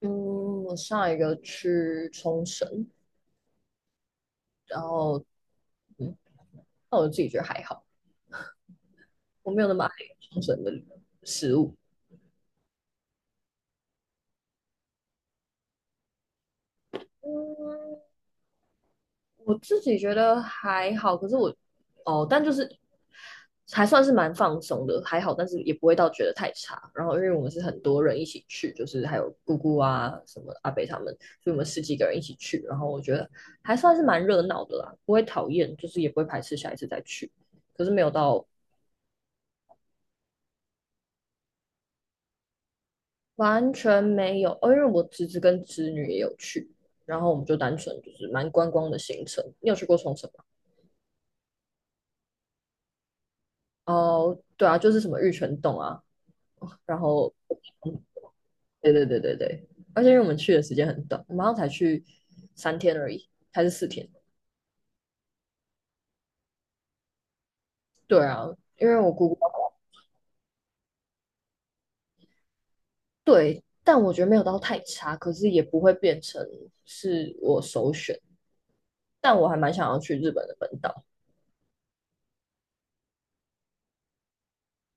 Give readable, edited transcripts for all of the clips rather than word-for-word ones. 嗯，我上一个去冲绳，然后嗯，那我自己觉得还好，我没有那么爱冲绳的食物。嗯，我自己觉得还好，可是但就是还算是蛮放松的，还好，但是也不会到觉得太差。然后因为我们是很多人一起去，就是还有姑姑啊、什么阿北他们，所以我们十几个人一起去，然后我觉得还算是蛮热闹的啦，不会讨厌，就是也不会排斥下一次再去，可是没有到完全没有，哦，因为我侄子跟侄女也有去，然后我们就单纯就是蛮观光的行程。你有去过冲绳吗？哦，对啊，就是什么玉泉洞啊，然后，嗯对，而且因为我们去的时间很短，我们好像才去三天而已，还是四天。对啊，因为我姑姑对，但我觉得没有到太差，可是也不会变成是我首选。但我还蛮想要去日本的本岛，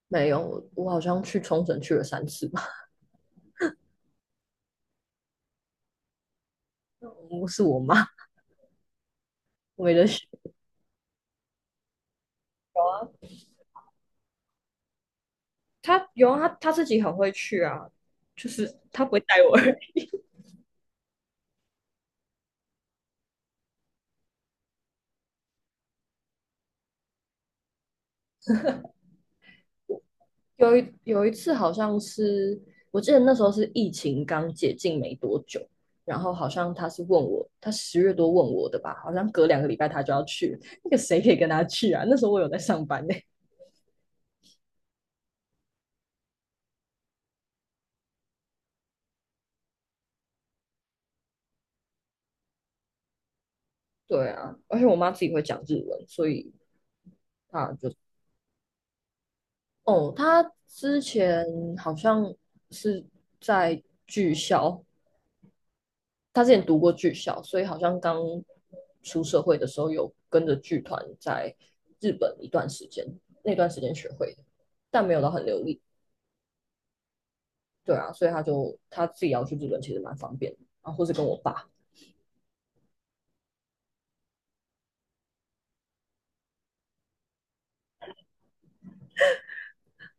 没有，我好像去冲绳去了三次吧。是我妈为了学他有啊他自己很会去啊，就是他不会带我而已。 有一次好像是，我记得那时候是疫情刚解禁没多久，然后好像他是问我，他十月多问我的吧，好像隔两个礼拜他就要去，那个谁可以跟他去啊？那时候我有在上班呢、对啊，而且我妈自己会讲日文，所以她就哦，他之前好像是在剧校他之前读过剧校，所以好像刚出社会的时候有跟着剧团在日本一段时间，那段时间学会的，但没有到很流利。对啊，所以他自己要去日本，其实蛮方便的啊，或是跟我爸。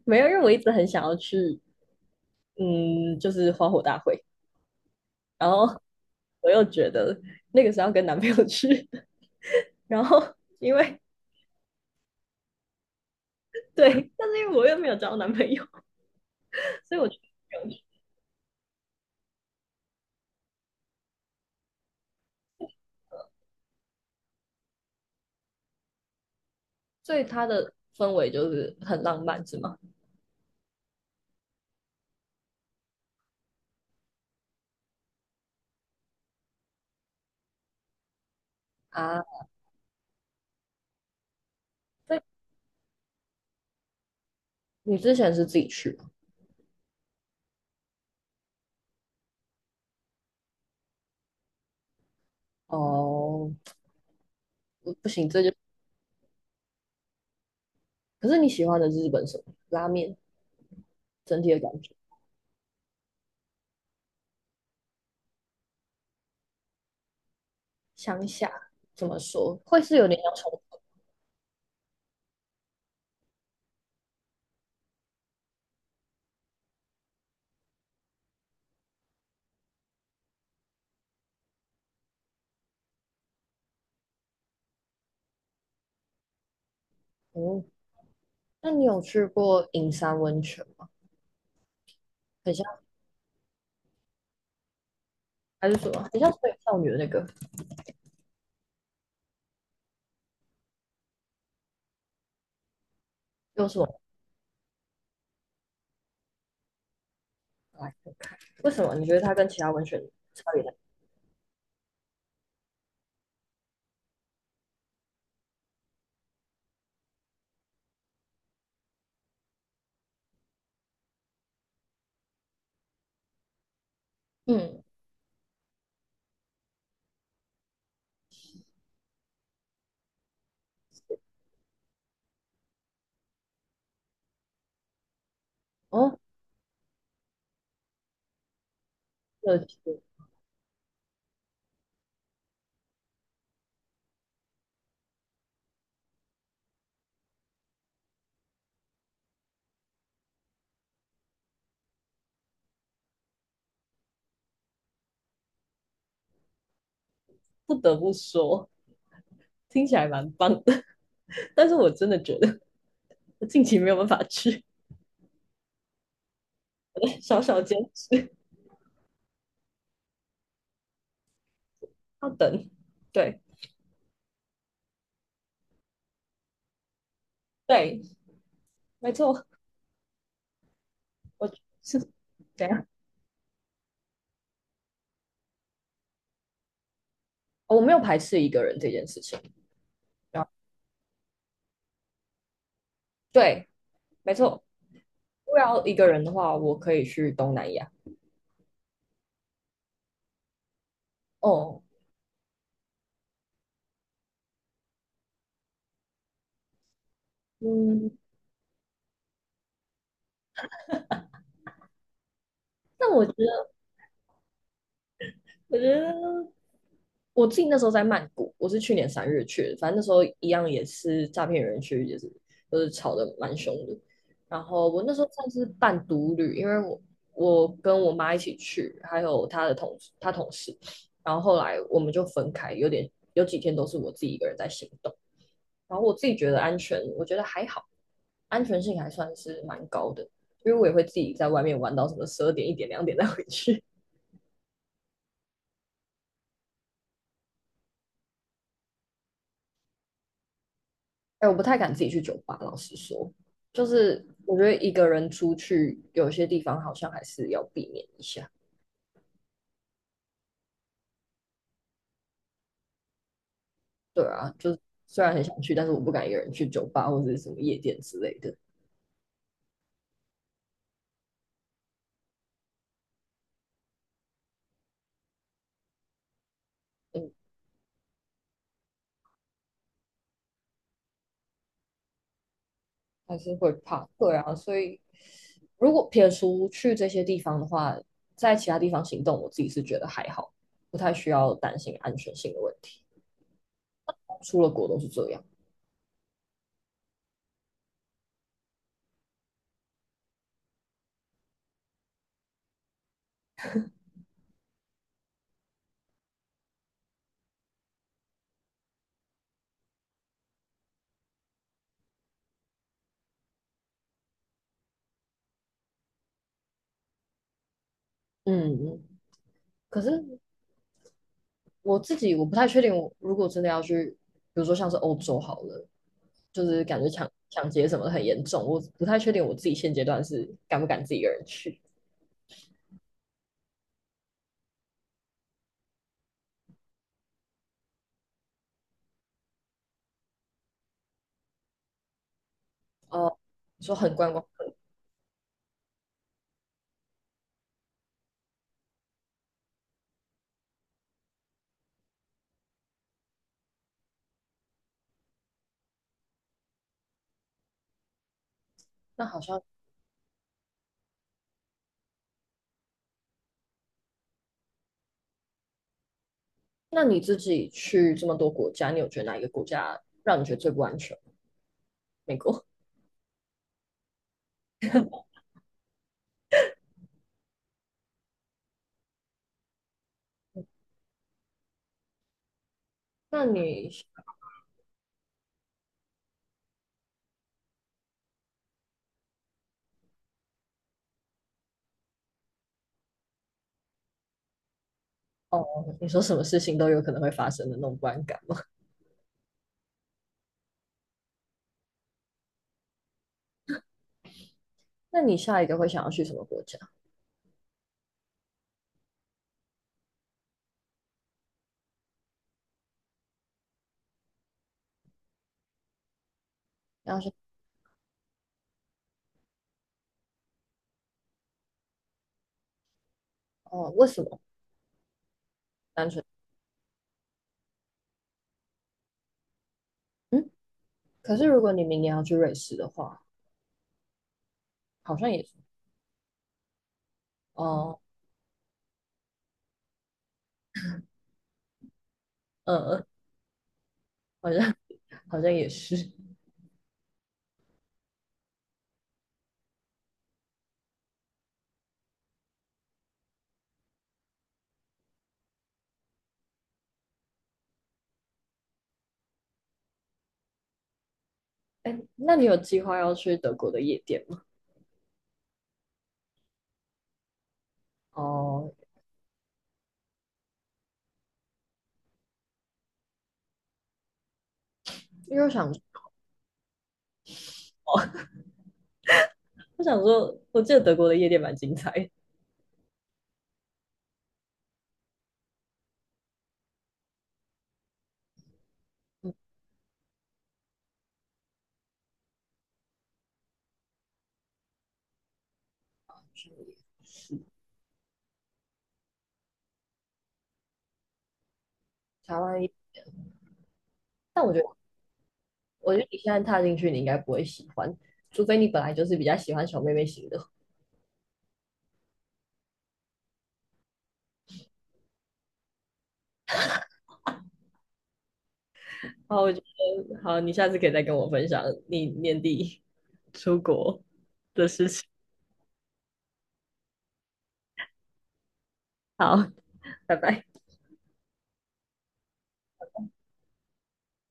没有，因为我一直很想要去，嗯，就是花火大会，然后我又觉得那个是要跟男朋友去，然后因为对，但是因为我又没有交男朋友，所以我就所以他的氛围就是很浪漫，是吗？啊，所以你之前是自己去吗？哦，不不行，这就可是你喜欢的日本什么拉面整体的感觉？乡下怎么说会是有点像冲重嗯，那你有去过银山温泉吗？很像还是什么？很像水少女的那个又是我来？为什么你觉得它跟其他温泉差别大？嗯，哦，有趣。不得不说，听起来蛮棒的，但是我真的觉得我近期没有办法去。小小坚持要等。对对，没错。我是怎样？哦，我没有排斥一个人这件事情。然后对，没错，我要一个人的话，我可以去东南亚。哦，嗯，那我觉得，我觉得我自己那时候在曼谷，我是去年三月去的，反正那时候一样也是诈骗园区，也是就是吵得蛮凶的。然后我那时候算是半独旅，因为我我跟我妈一起去，还有她同事，然后后来我们就分开，有点有几天都是我自己一个人在行动。然后我自己觉得安全，我觉得还好，安全性还算是蛮高的，因为我也会自己在外面玩到什么十二点、一点、两点再回去。哎，我不太敢自己去酒吧，老实说，就是我觉得一个人出去，有些地方好像还是要避免一下。对啊，就是虽然很想去，但是我不敢一个人去酒吧或者是什么夜店之类的。嗯，还是会怕，对啊，所以如果撇除去这些地方的话，在其他地方行动，我自己是觉得还好，不太需要担心安全性的问题。出了国都是这样，嗯，可是我自己我不太确定，我如果真的要去，比如说像是欧洲好了，就是感觉抢劫什么的很严重，我不太确定我自己现阶段是敢不敢自己一个人去。哦，你说很观光，那好像，那你自己去这么多国家，你有觉得哪一个国家让你觉得最不安全？美国？那你哦，你说什么事情都有可能会发生的那种不安感吗？那你下一个会想要去什么国家？然后是哦，为什么？单纯嗯，可是如果你明年要去瑞士的话，好像也是哦，嗯嗯，好像。 好像也是。哎，那你有计划要去德国的夜店吗？哦，因为我想我想说，我记得德国的夜店蛮精彩的，嗯，是台湾，但我觉得我觉得你现在踏进去，你应该不会喜欢，除非你本来就是比较喜欢小妹妹型的。好，我觉得好，你下次可以再跟我分享你年底出国的事情。好，拜拜。